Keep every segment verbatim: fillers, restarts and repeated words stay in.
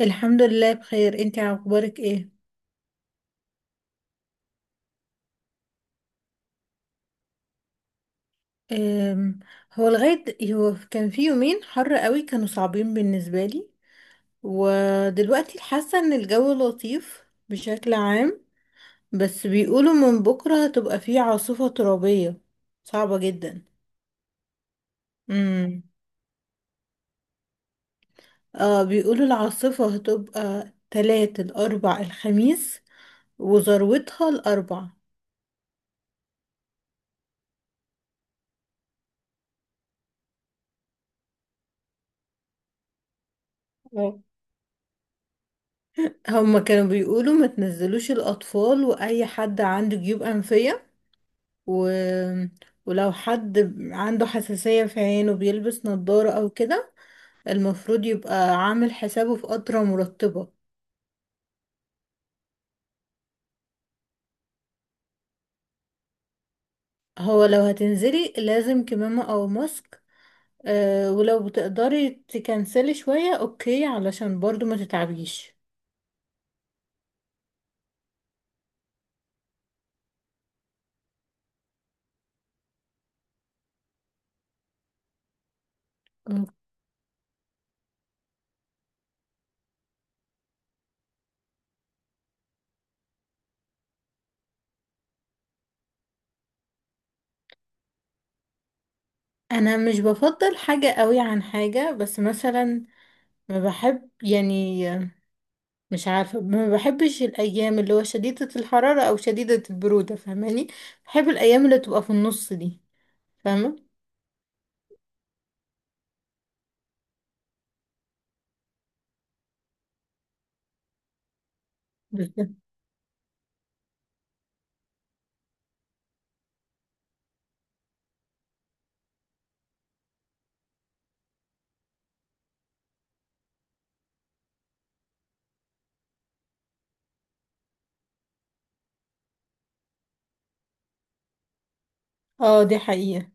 الحمد لله بخير. انتي اخبارك ايه؟ أم هو لغايه هو كان في يومين حر قوي كانوا صعبين بالنسبه لي، ودلوقتي حاسه ان الجو لطيف بشكل عام، بس بيقولوا من بكره هتبقى فيه عاصفه ترابيه صعبه جدا. امم اه، بيقولوا العاصفه هتبقى تلات الاربع الخميس، وذروتها الاربع. أوه. هما كانوا بيقولوا ما تنزلوش الاطفال واي حد عنده جيوب انفيه، و... ولو حد عنده حساسية في عينه بيلبس نظارة أو كده، المفروض يبقى عامل حسابه في قطرة مرطبة. هو لو هتنزلي لازم كمامة أو ماسك، أه، ولو بتقدري تكنسلي شوية أوكي، علشان برضو ما تتعبيش. مم. أنا مش بفضل حاجة قوي عن حاجة، بس مثلا ما بحب، يعني آه، مش عارفة، ما بحبش الأيام اللي هو شديدة الحرارة أو شديدة البرودة، فاهماني؟ بحب الأيام اللي تبقى في النص دي، فاهمة؟ بالظبط. اه دي حقيقة،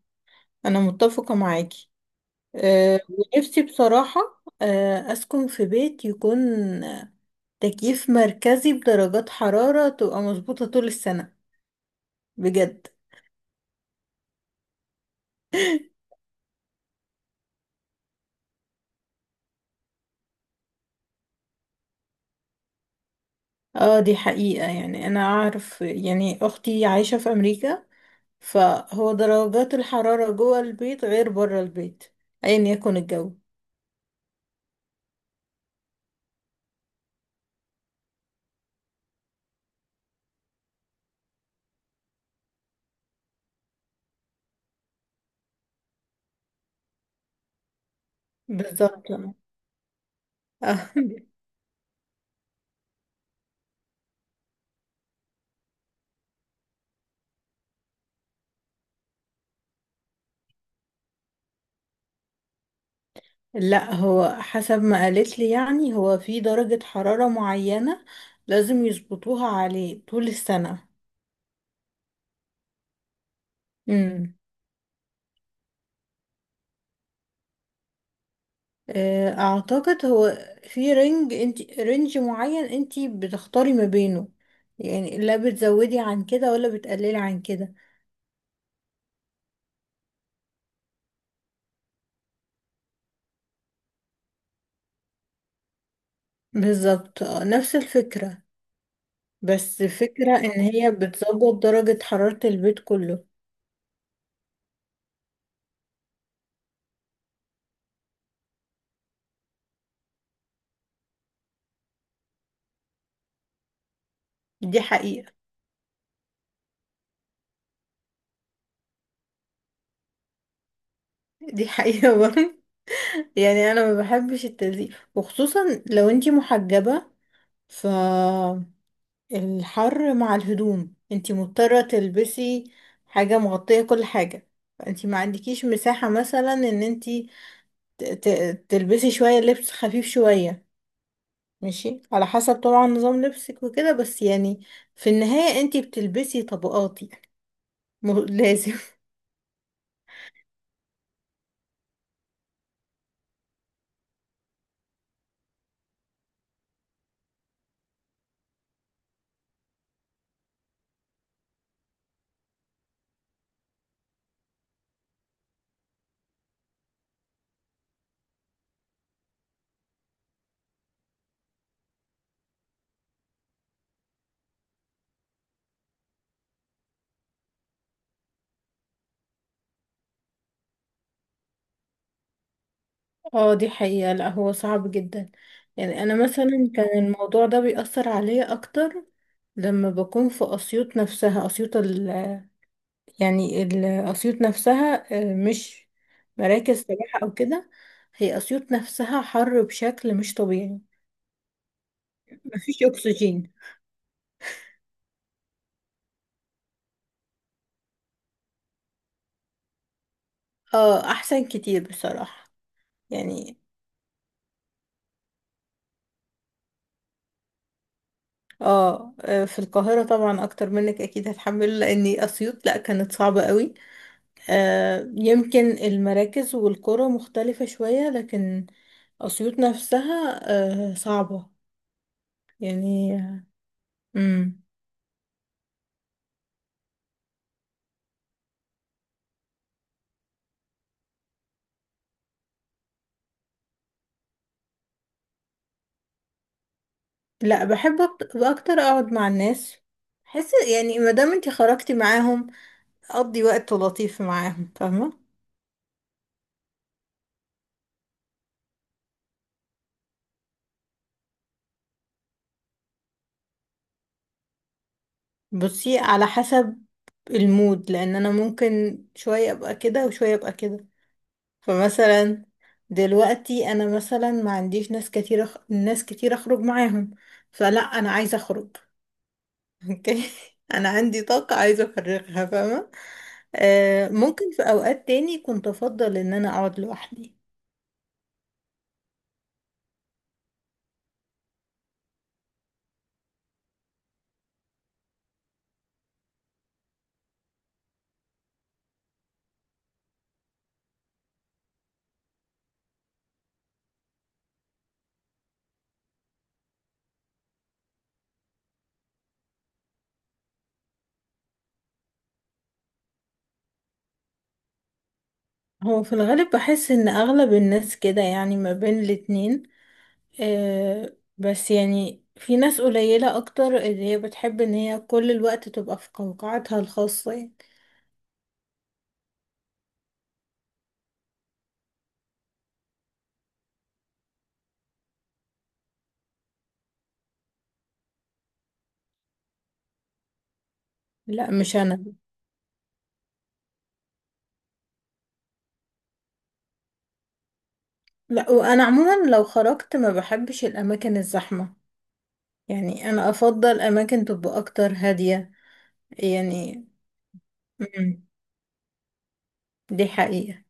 أنا متفقة معاكي. أه، ونفسي بصراحة، أه، أسكن في بيت يكون تكييف مركزي، بدرجات حرارة تبقى مظبوطة طول السنة، بجد. اه دي حقيقة. يعني أنا أعرف، يعني أختي عايشة في أمريكا، فهو درجات الحرارة جوه البيت غير بره البيت أيا يكن الجو. بالظبط. آه. لا هو حسب ما قالت لي، يعني هو في درجة حرارة معينة لازم يظبطوها عليه طول السنة. امم، آه، اعتقد هو في رينج، انت رينج معين انت بتختاري ما بينه، يعني لا بتزودي عن كده ولا بتقللي عن كده. بالظبط آه، نفس الفكرة. بس الفكرة ان هي بتظبط درجة حرارة البيت كله. دي حقيقة. دي حقيقة برضه يعني، انا ما بحبش التلزيق، وخصوصا لو انت محجبة، فالحر مع الهدوم انتي مضطرة تلبسي حاجة مغطية كل حاجة، فانتي ما عندكيش مساحة مثلا ان انتي ت- ت- تلبسي شوية لبس خفيف شوية. ماشي، على حسب طبعا نظام لبسك وكده، بس يعني في النهاية انتي بتلبسي طبقات، يعني م- لازم. اه دي حقيقة، لا هو صعب جدا. يعني انا مثلا كان الموضوع ده بيأثر عليا اكتر لما بكون في اسيوط نفسها. اسيوط يعني ال- اسيوط نفسها، آه، مش مراكز سياحة او كده، هي اسيوط نفسها حر بشكل مش طبيعي، مفيش اكسجين. اه احسن كتير بصراحة. يعني اه آه، في القاهرة طبعا اكتر منك اكيد هتحمله، لاني اسيوط لا كانت صعبة قوي. آه يمكن المراكز والقرى مختلفة شوية، لكن اسيوط نفسها آه صعبة، يعني آه، مم. لا، بحب أكت- اكتر اقعد مع الناس. حس يعني، ما دام انتي خرجتي معاهم، اقضي وقت لطيف معاهم، فاهمه؟ بصي، على حسب المود، لان انا ممكن شويه ابقى كده وشويه ابقى كده. فمثلا دلوقتي انا مثلا ما عنديش ناس كتير أخ... ناس كتير اخرج معاهم، فلا انا عايزه اخرج اوكي، انا عندي طاقه عايزه افرغها، فاهمه؟ آه ممكن في اوقات تاني كنت افضل ان انا اقعد لوحدي. هو في الغالب بحس ان اغلب الناس كده، يعني ما بين الاتنين، آه، بس يعني في ناس قليلة اكتر، اللي هي بتحب ان هي كل الوقت تبقى في قوقعتها الخاصة يعني. لا، مش انا. لا، وانا عموما لو خرجت ما بحبش الاماكن الزحمة، يعني انا افضل اماكن تبقى اكتر هادية يعني. مم، دي حقيقة.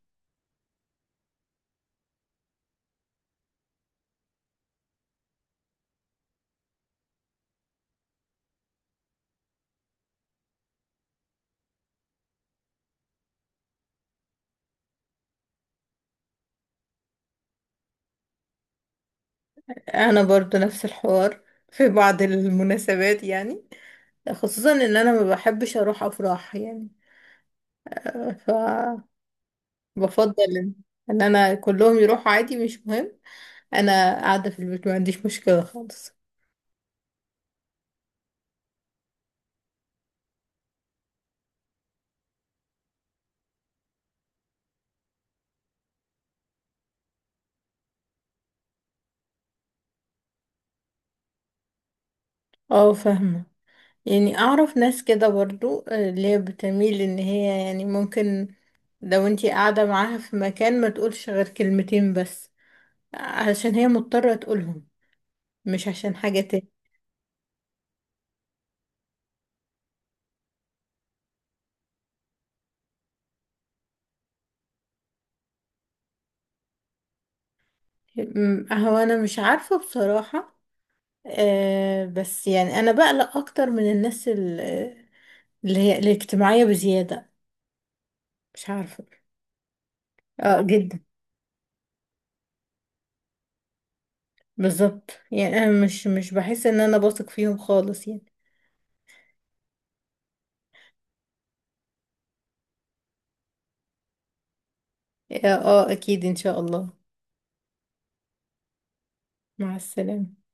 انا برضو نفس الحوار في بعض المناسبات، يعني خصوصا ان انا ما بحبش اروح افراح، يعني ف بفضل ان إن انا كلهم يروحوا عادي، مش مهم. انا قاعده في البيت ما عنديش مشكله خالص. اه فاهمه. يعني اعرف ناس كده برضو، آه، اللي هي بتميل ان هي، يعني ممكن لو انتي قاعده معاها في مكان ما تقولش غير كلمتين بس، علشان هي مضطره تقولهم، مش عشان حاجه تاني. م- هو انا مش عارفه بصراحه، أه، بس يعني انا بقلق اكتر من الناس ال- اللي هي الاجتماعيه بزياده، مش عارفه. اه جدا، بالظبط، يعني انا مش مش بحس ان انا بثق فيهم خالص يعني. اه آه، اكيد ان شاء الله. مع السلامة.